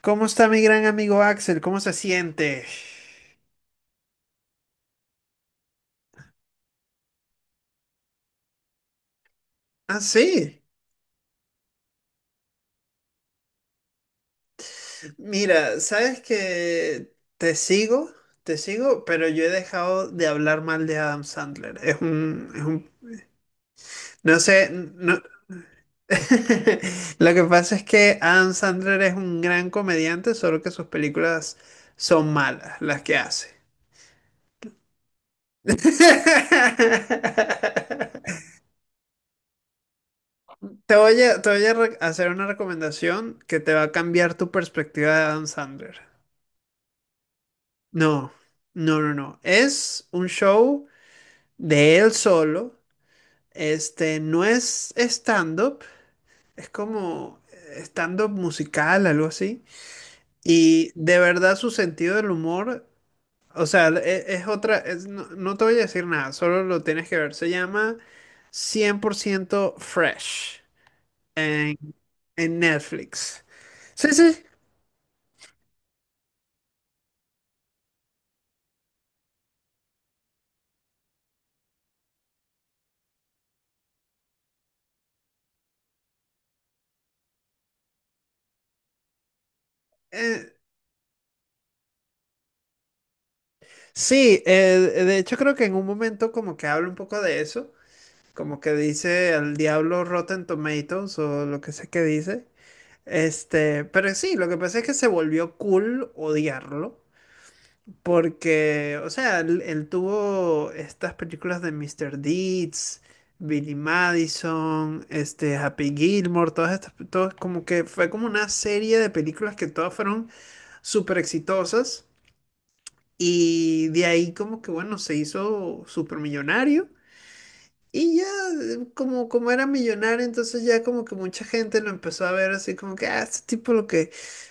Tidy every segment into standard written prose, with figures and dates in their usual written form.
¿Cómo está mi gran amigo Axel? ¿Cómo se siente? Ah, sí. Mira, sabes que te sigo, pero yo he dejado de hablar mal de Adam Sandler. Es un, no sé, no. Lo que pasa es que Adam Sandler es un gran comediante, solo que sus películas son malas, las que hace. Te voy a re- hacer una recomendación que te va a cambiar tu perspectiva de Adam Sandler. No, no. Es un show de él solo. Este no es stand-up, es como stand-up musical, algo así. Y de verdad su sentido del humor, o sea, no, no te voy a decir nada, solo lo tienes que ver. Se llama cien por ciento Fresh en, en Netflix. Sí, sí. eh, sí, de hecho creo que en un momento como que habla un poco de eso. Como que dice al diablo Rotten Tomatoes o lo que sé que dice. Pero sí, lo que pasa es que se volvió cool odiarlo. Porque, o sea, él tuvo estas películas de Mr. Deeds, Billy Madison, este, Happy Gilmore, todas estas, todas como que fue como una serie de películas que todas fueron súper exitosas. Y de ahí como que, bueno, se hizo súper millonario. Y ya, como, como era millonario, entonces ya como que mucha gente lo empezó a ver así como que, ah, este tipo lo que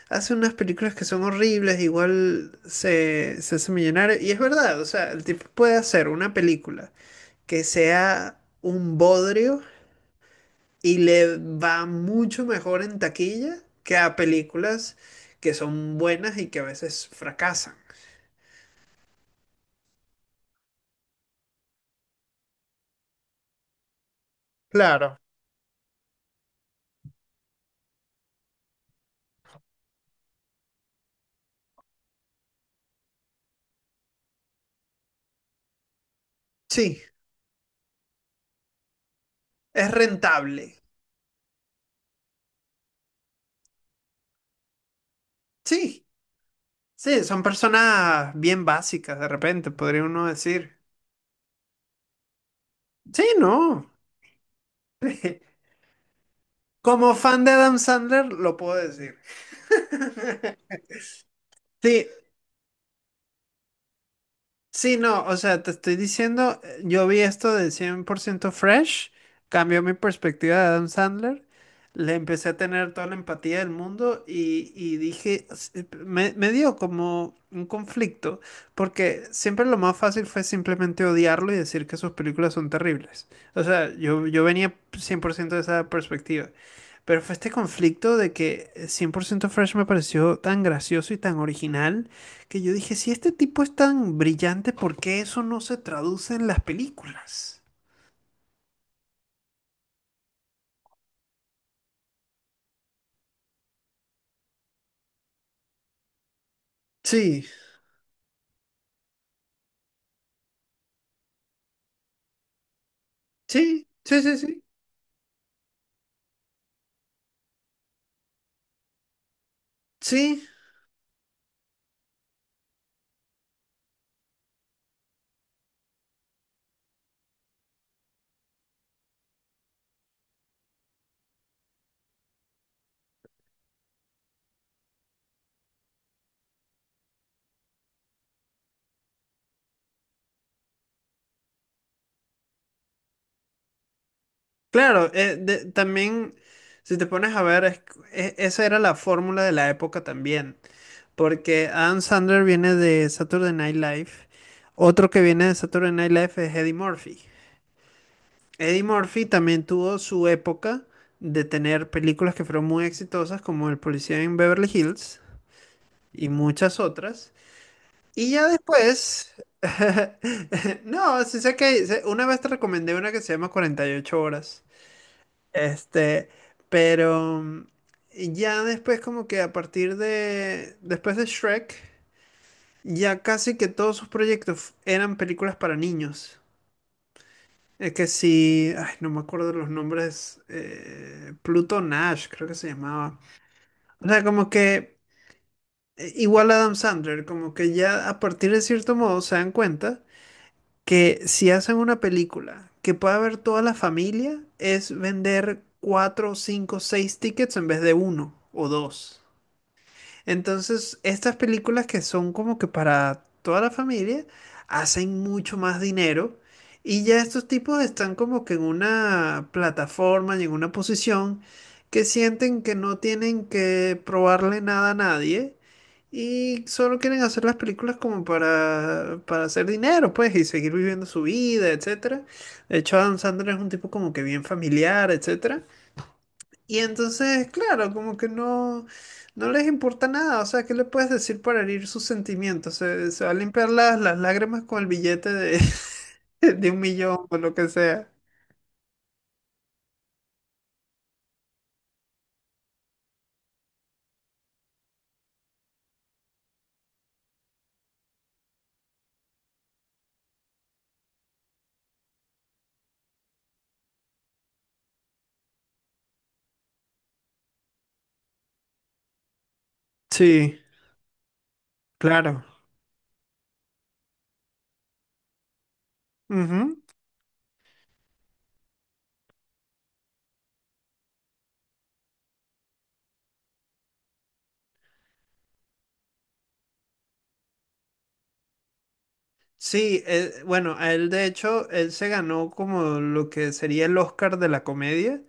hace unas películas que son horribles, igual se hace millonario. Y es verdad, o sea, el tipo puede hacer una película que sea un bodrio y le va mucho mejor en taquilla que a películas que son buenas y que a veces fracasan. Claro. Sí, es rentable. Sí. Sí, son personas bien básicas de repente, podría uno decir. Sí, no. Como fan de Adam Sandler, lo puedo decir. Sí. Sí, no, o sea, te estoy diciendo, yo vi esto de cien por ciento Fresh, cambió mi perspectiva de Adam Sandler, le empecé a tener toda la empatía del mundo y dije, me dio como un conflicto, porque siempre lo más fácil fue simplemente odiarlo y decir que sus películas son terribles. O sea, yo venía 100% de esa perspectiva. Pero fue este conflicto de que cien por ciento Fresh me pareció tan gracioso y tan original que yo dije, si este tipo es tan brillante, ¿por qué eso no se traduce en las películas? Sí, sí, sí. Sí, claro, también si te pones a ver, esa era la fórmula de la época también, porque Adam Sandler viene de Saturday Night Live, otro que viene de Saturday Night Live es Eddie Murphy. Eddie Murphy también tuvo su época de tener películas que fueron muy exitosas, como El Policía en Beverly Hills y muchas otras. Y ya después, no, sí sé que una vez te recomendé una que se llama 48 horas. Este, pero ya después como que a partir de, después de Shrek, ya casi que todos sus proyectos eran películas para niños. Es que sí, ay, no me acuerdo los nombres. Pluto Nash, creo que se llamaba. O sea, como que igual Adam Sandler, como que ya a partir de cierto modo se dan cuenta que si hacen una película que pueda ver toda la familia, es vender cuatro, cinco, seis tickets en vez de uno o dos. Entonces, estas películas que son como que para toda la familia hacen mucho más dinero y ya estos tipos están como que en una plataforma y en una posición que sienten que no tienen que probarle nada a nadie y solo quieren hacer las películas como para hacer dinero, pues, y seguir viviendo su vida, etcétera. De hecho, Adam Sandler es un tipo como que bien familiar, etcétera. Y entonces, claro, como que no, no les importa nada. O sea, ¿qué le puedes decir para herir sus sentimientos? Se va a limpiar las lágrimas con el billete de, de un millón o lo que sea. Sí, claro. Ujú. Sí, bueno, a él de hecho, él se ganó como lo que sería el Oscar de la comedia,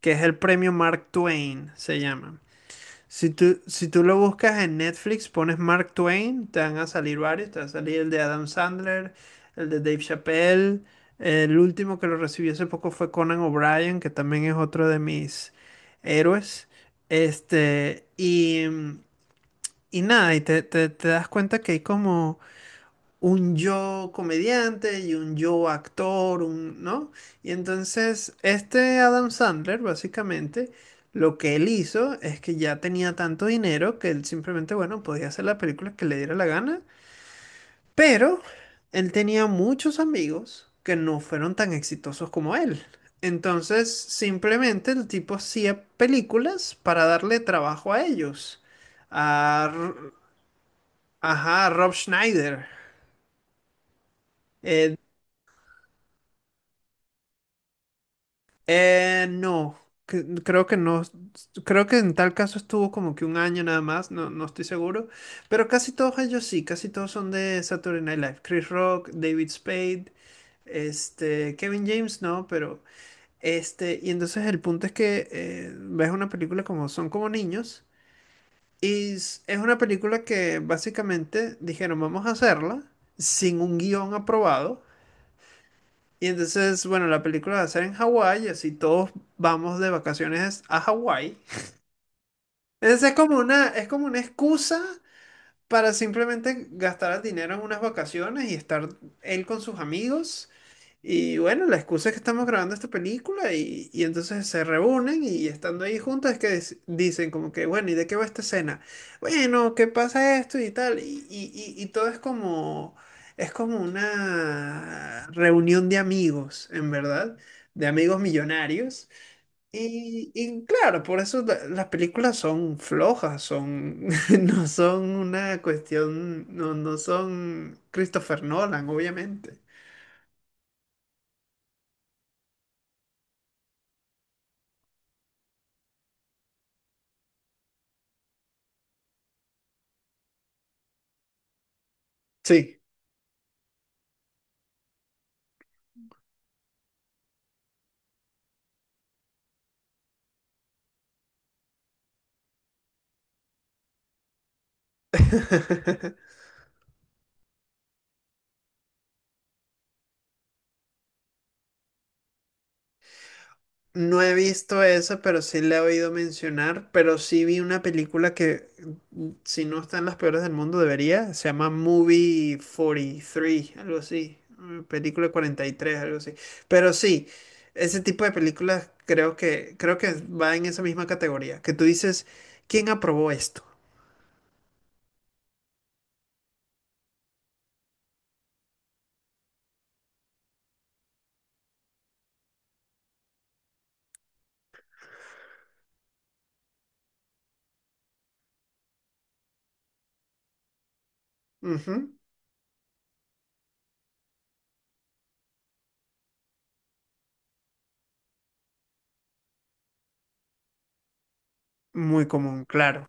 que es el premio Mark Twain, se llama. Si tú lo buscas en Netflix, pones Mark Twain, te van a salir varios, te va a salir el de Adam Sandler, el de Dave Chappelle, el último que lo recibí hace poco fue Conan O'Brien, que también es otro de mis héroes. Este, y, y nada, y te das cuenta que hay como un yo comediante y un yo actor, un, ¿no? Y entonces este Adam Sandler, básicamente, lo que él hizo es que ya tenía tanto dinero que él simplemente, bueno, podía hacer la película que le diera la gana, pero él tenía muchos amigos que no fueron tan exitosos como él. Entonces, simplemente el tipo hacía películas para darle trabajo a ellos. A, R- ajá, a Rob Schneider. Eh, no, creo que no. Creo que en tal caso estuvo como que un año nada más, no, no estoy seguro. Pero casi todos ellos sí, casi todos son de Saturday Night Live. Chris Rock, David Spade, este, Kevin James, no, pero este, y entonces el punto es que ves una película como son como niños. Y es una película que básicamente dijeron, vamos a hacerla sin un guión aprobado y entonces, bueno, la película va a ser en Hawái, así todos vamos de vacaciones a Hawái. Entonces es como una excusa para simplemente gastar el dinero en unas vacaciones y estar él con sus amigos. Y bueno, la excusa es que estamos grabando esta película y entonces se reúnen y estando ahí juntos es que dicen como que, bueno, ¿y de qué va esta escena? Bueno, ¿qué pasa esto y tal? Y todo es como una reunión de amigos, en verdad, de amigos millonarios. Y claro, por eso las películas son flojas, son, no son una cuestión, no, no son Christopher Nolan, obviamente. Sí. No he visto esa, pero sí la he oído mencionar, pero sí vi una película que, si no está en las peores del mundo, debería. Se llama Movie 43, algo así. Película 43, algo así. Pero sí, ese tipo de películas creo que va en esa misma categoría. Que tú dices, ¿quién aprobó esto? Ujú. Muy común, claro.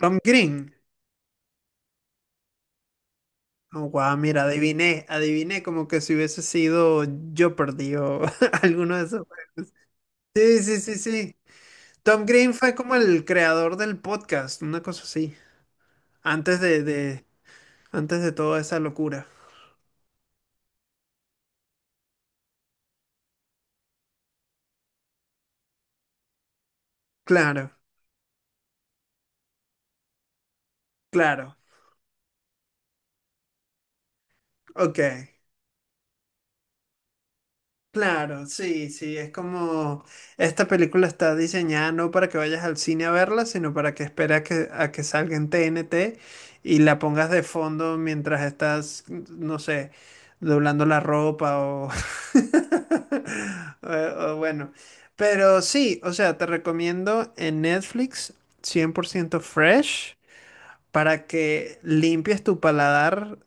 Tom Green. Oh, guau, mira, adiviné como que si hubiese sido Jeopardy o alguno de esos. Sí. Tom Green fue como el creador del podcast, una cosa así. Antes de, antes de toda esa locura. Claro, claro. Ok. Claro, sí, sí, es como esta película está diseñada no para que vayas al cine a verla, sino para que esperes a que salga en TNT y la pongas de fondo mientras estás, no sé, doblando la ropa o bueno. Pero sí, o sea, te recomiendo en Netflix cien por ciento Fresh para que limpies tu paladar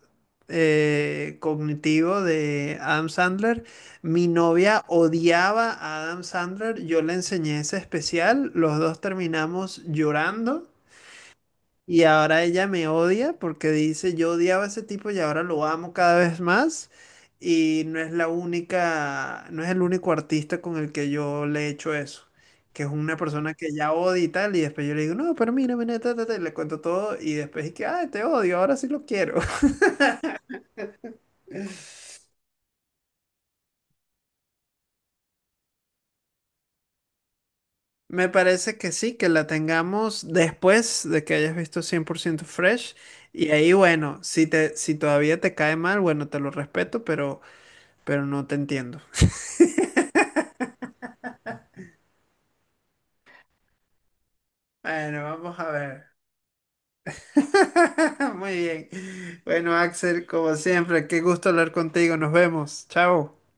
cognitivo de Adam Sandler. Mi novia odiaba a Adam Sandler, yo le enseñé ese especial, los dos terminamos llorando y ahora ella me odia porque dice, yo odiaba a ese tipo y ahora lo amo cada vez más. Y no es la única, no es el único artista con el que yo le he hecho eso. Que es una persona que ya odia y tal. Y después yo le digo, no, pero mira, mira, ta, ta, ta", y le cuento todo. Y después es que, ah, te odio, ahora sí lo quiero. Me parece que sí, que la tengamos después de que hayas visto cien por ciento Fresh. Y ahí, bueno, si todavía te cae mal, bueno, te lo respeto, pero no te entiendo. Bueno, vamos a ver. Muy bien. Bueno, Axel, como siempre, qué gusto hablar contigo. Nos vemos. Chao.